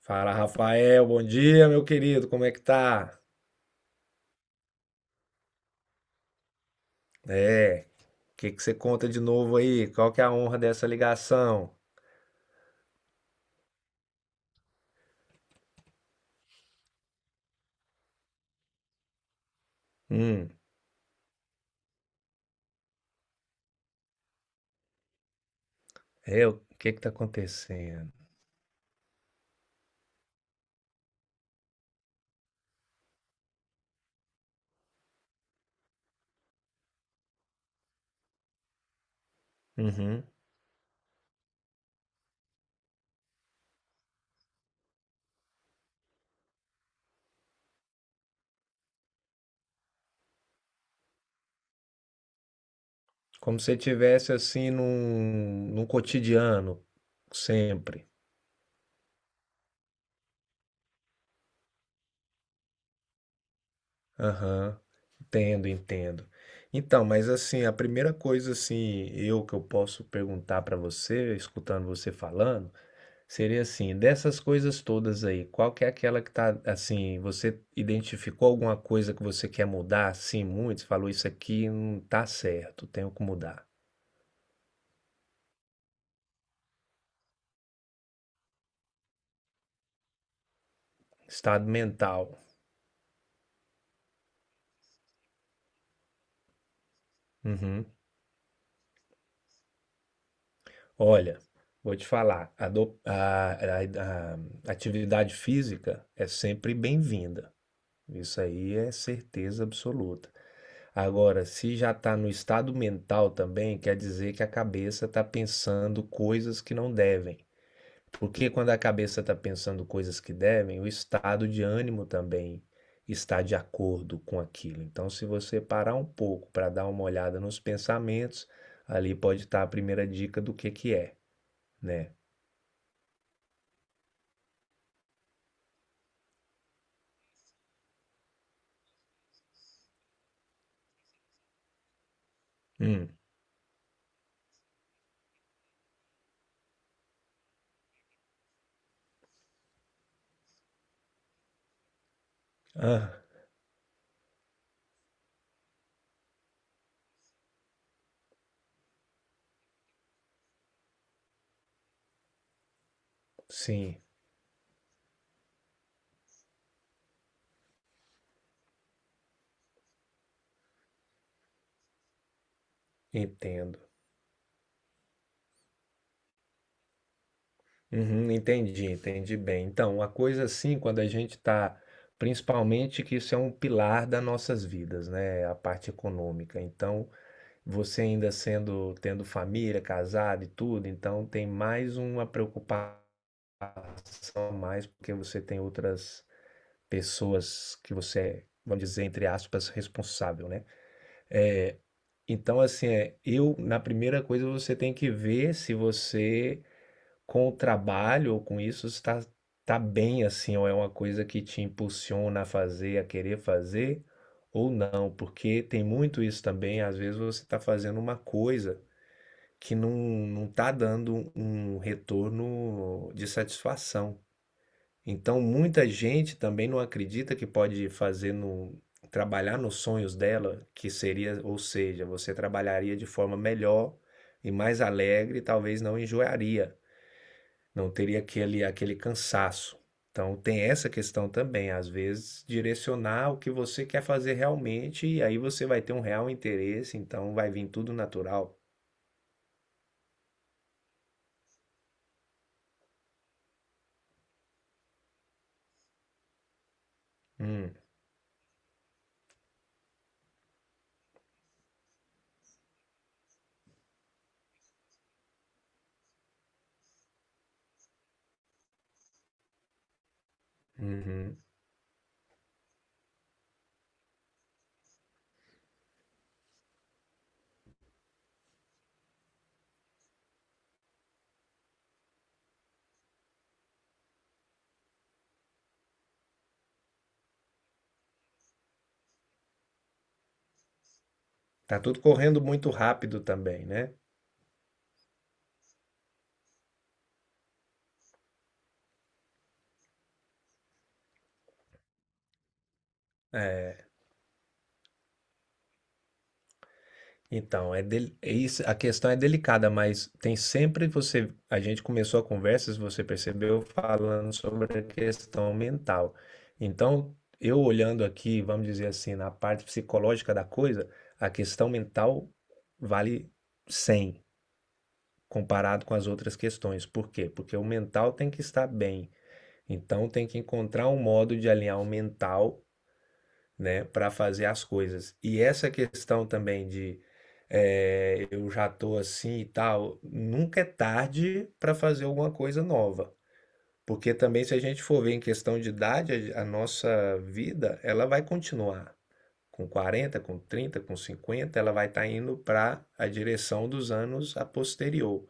Fala, Rafael, bom dia, meu querido, como é que tá? É, o que você conta de novo aí? Qual que é a honra dessa ligação? Hum, é, o que tá acontecendo? Uhum. Como se você tivesse assim num cotidiano, sempre. Aham, entendo, entendo. Então, mas assim, a primeira coisa assim, eu posso perguntar pra você, escutando você falando, seria assim, dessas coisas todas aí, qual que é aquela que tá assim, você identificou alguma coisa que você quer mudar, assim, muito? Você falou isso aqui não tá certo, tenho que mudar. Estado mental. Uhum. Olha, vou te falar, a, do- a atividade física é sempre bem-vinda. Isso aí é certeza absoluta. Agora, se já está no estado mental também, quer dizer que a cabeça está pensando coisas que não devem. Porque quando a cabeça está pensando coisas que devem, o estado de ânimo também está de acordo com aquilo. Então, se você parar um pouco para dar uma olhada nos pensamentos, ali pode estar a primeira dica do que é, né? Hum. Ah, sim, entendo. Uhum, entendi, entendi bem. Então, uma coisa assim, quando a gente está, principalmente que isso é um pilar das nossas vidas, né? A parte econômica. Então, você ainda sendo, tendo família, casado e tudo, então tem mais uma preocupação a mais, porque você tem outras pessoas que você é, vamos dizer, entre aspas, responsável, né? Então, assim, é, eu, na primeira coisa, você tem que ver se você, com o trabalho ou com isso, está tá bem, assim, ou é uma coisa que te impulsiona a fazer, a querer fazer, ou não, porque tem muito isso também, às vezes você está fazendo uma coisa que não tá dando um retorno de satisfação. Então, muita gente também não acredita que pode fazer no, trabalhar nos sonhos dela, que seria, ou seja, você trabalharia de forma melhor e mais alegre, e talvez não enjoaria, não teria aquele cansaço. Então, tem essa questão também, às vezes, direcionar o que você quer fazer realmente, e aí você vai ter um real interesse, então vai vir tudo natural. Hum, uhum. Tá tudo correndo muito rápido também, né? É, então, é isso, a questão é delicada, mas tem sempre você, a gente começou a conversa, se você percebeu, falando sobre a questão mental. Então, eu olhando aqui, vamos dizer assim, na parte psicológica da coisa, a questão mental vale 100 comparado com as outras questões. Por quê? Porque o mental tem que estar bem. Então, tem que encontrar um modo de alinhar o mental, né, para fazer as coisas. E essa questão também de é, eu já tô assim e tal, nunca é tarde para fazer alguma coisa nova. Porque também, se a gente for ver em questão de idade, a nossa vida, ela vai continuar. Com 40, com 30, com 50, ela vai estar indo para a direção dos anos a posterior.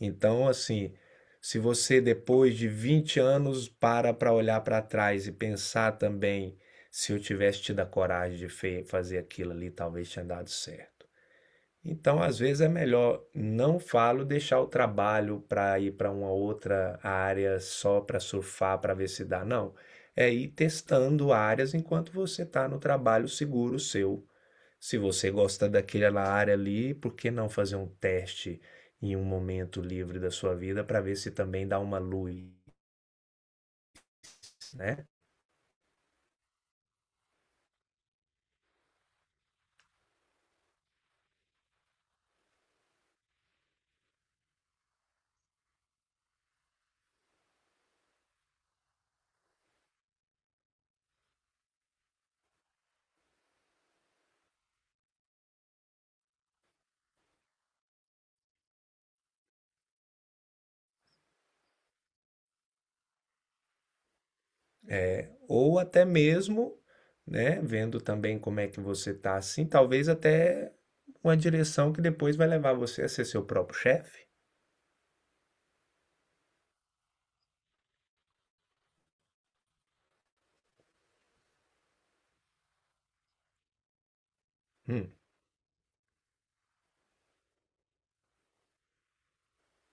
Então, assim, se você depois de 20 anos para olhar para trás e pensar também, se eu tivesse tido a coragem de fazer aquilo ali, talvez tinha dado certo. Então, às vezes é melhor, não falo deixar o trabalho para ir para uma outra área só para surfar, para ver se dá, não. É ir testando áreas enquanto você está no trabalho seguro seu. Se você gosta daquela área ali, por que não fazer um teste em um momento livre da sua vida para ver se também dá uma luz, né? É, ou até mesmo, né, vendo também como é que você está, assim, talvez até uma direção que depois vai levar você a ser seu próprio chefe. Hum,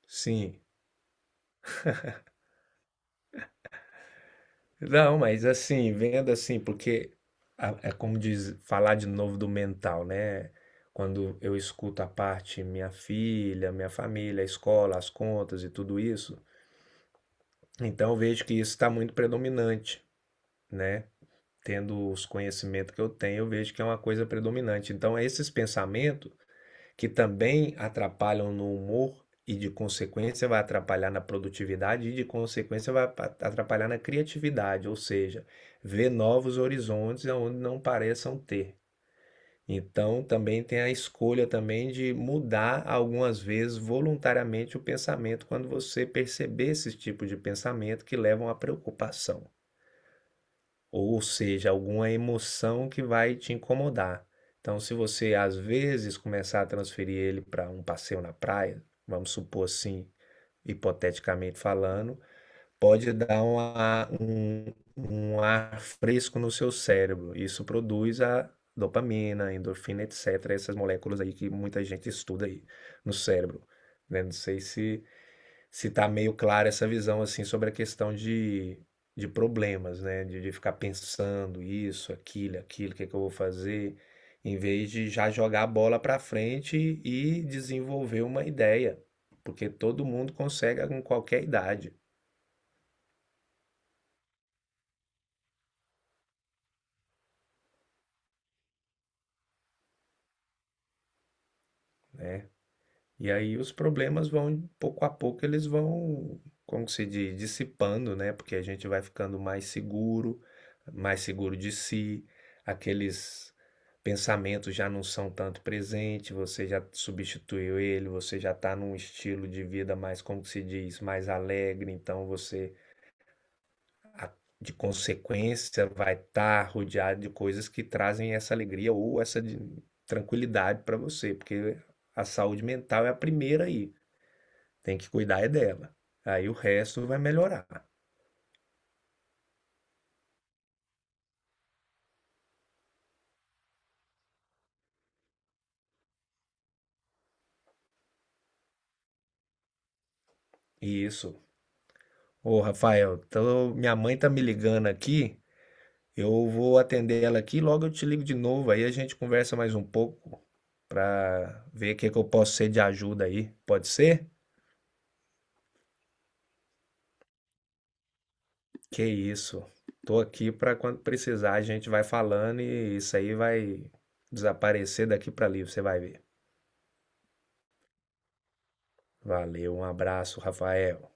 sim. Não, mas assim, vendo assim, porque é como diz, falar de novo do mental, né? Quando eu escuto a parte minha filha, minha família, a escola, as contas e tudo isso, então eu vejo que isso está muito predominante, né? Tendo os conhecimentos que eu tenho, eu vejo que é uma coisa predominante. Então, esses pensamentos que também atrapalham no humor e de consequência vai atrapalhar na produtividade e de consequência vai atrapalhar na criatividade, ou seja, ver novos horizontes onde não pareçam ter. Então, também tem a escolha também de mudar algumas vezes voluntariamente o pensamento quando você perceber esse tipo de pensamento que levam à preocupação. Ou seja, alguma emoção que vai te incomodar. Então, se você às vezes começar a transferir ele para um passeio na praia, vamos supor assim, hipoteticamente falando, pode dar um ar fresco no seu cérebro. Isso produz a dopamina, endorfina, etc. Essas moléculas aí que muita gente estuda aí no cérebro, né? Não sei se está meio clara essa visão assim sobre a questão de problemas, né? De ficar pensando isso, aquilo, o que é que eu vou fazer, em vez de já jogar a bola para frente e desenvolver uma ideia, porque todo mundo consegue com qualquer idade. E aí os problemas vão, pouco a pouco, eles vão, como se diz, dissipando, né? Porque a gente vai ficando mais seguro de si, aqueles pensamentos já não são tanto presentes, você já substituiu ele, você já está num estilo de vida mais, como se diz, mais alegre, então você, a- de consequência, vai estar rodeado de coisas que trazem essa alegria ou essa tranquilidade para você, porque a saúde mental é a primeira aí. Tem que cuidar é dela. Aí o resto vai melhorar. Isso. Ô, Rafael, minha mãe tá me ligando aqui. Eu vou atender ela aqui, logo eu te ligo de novo. Aí a gente conversa mais um pouco pra ver o que eu posso ser de ajuda aí. Pode ser? Que isso. Tô aqui pra quando precisar, a gente vai falando e isso aí vai desaparecer daqui pra ali, você vai ver. Valeu, um abraço, Rafael.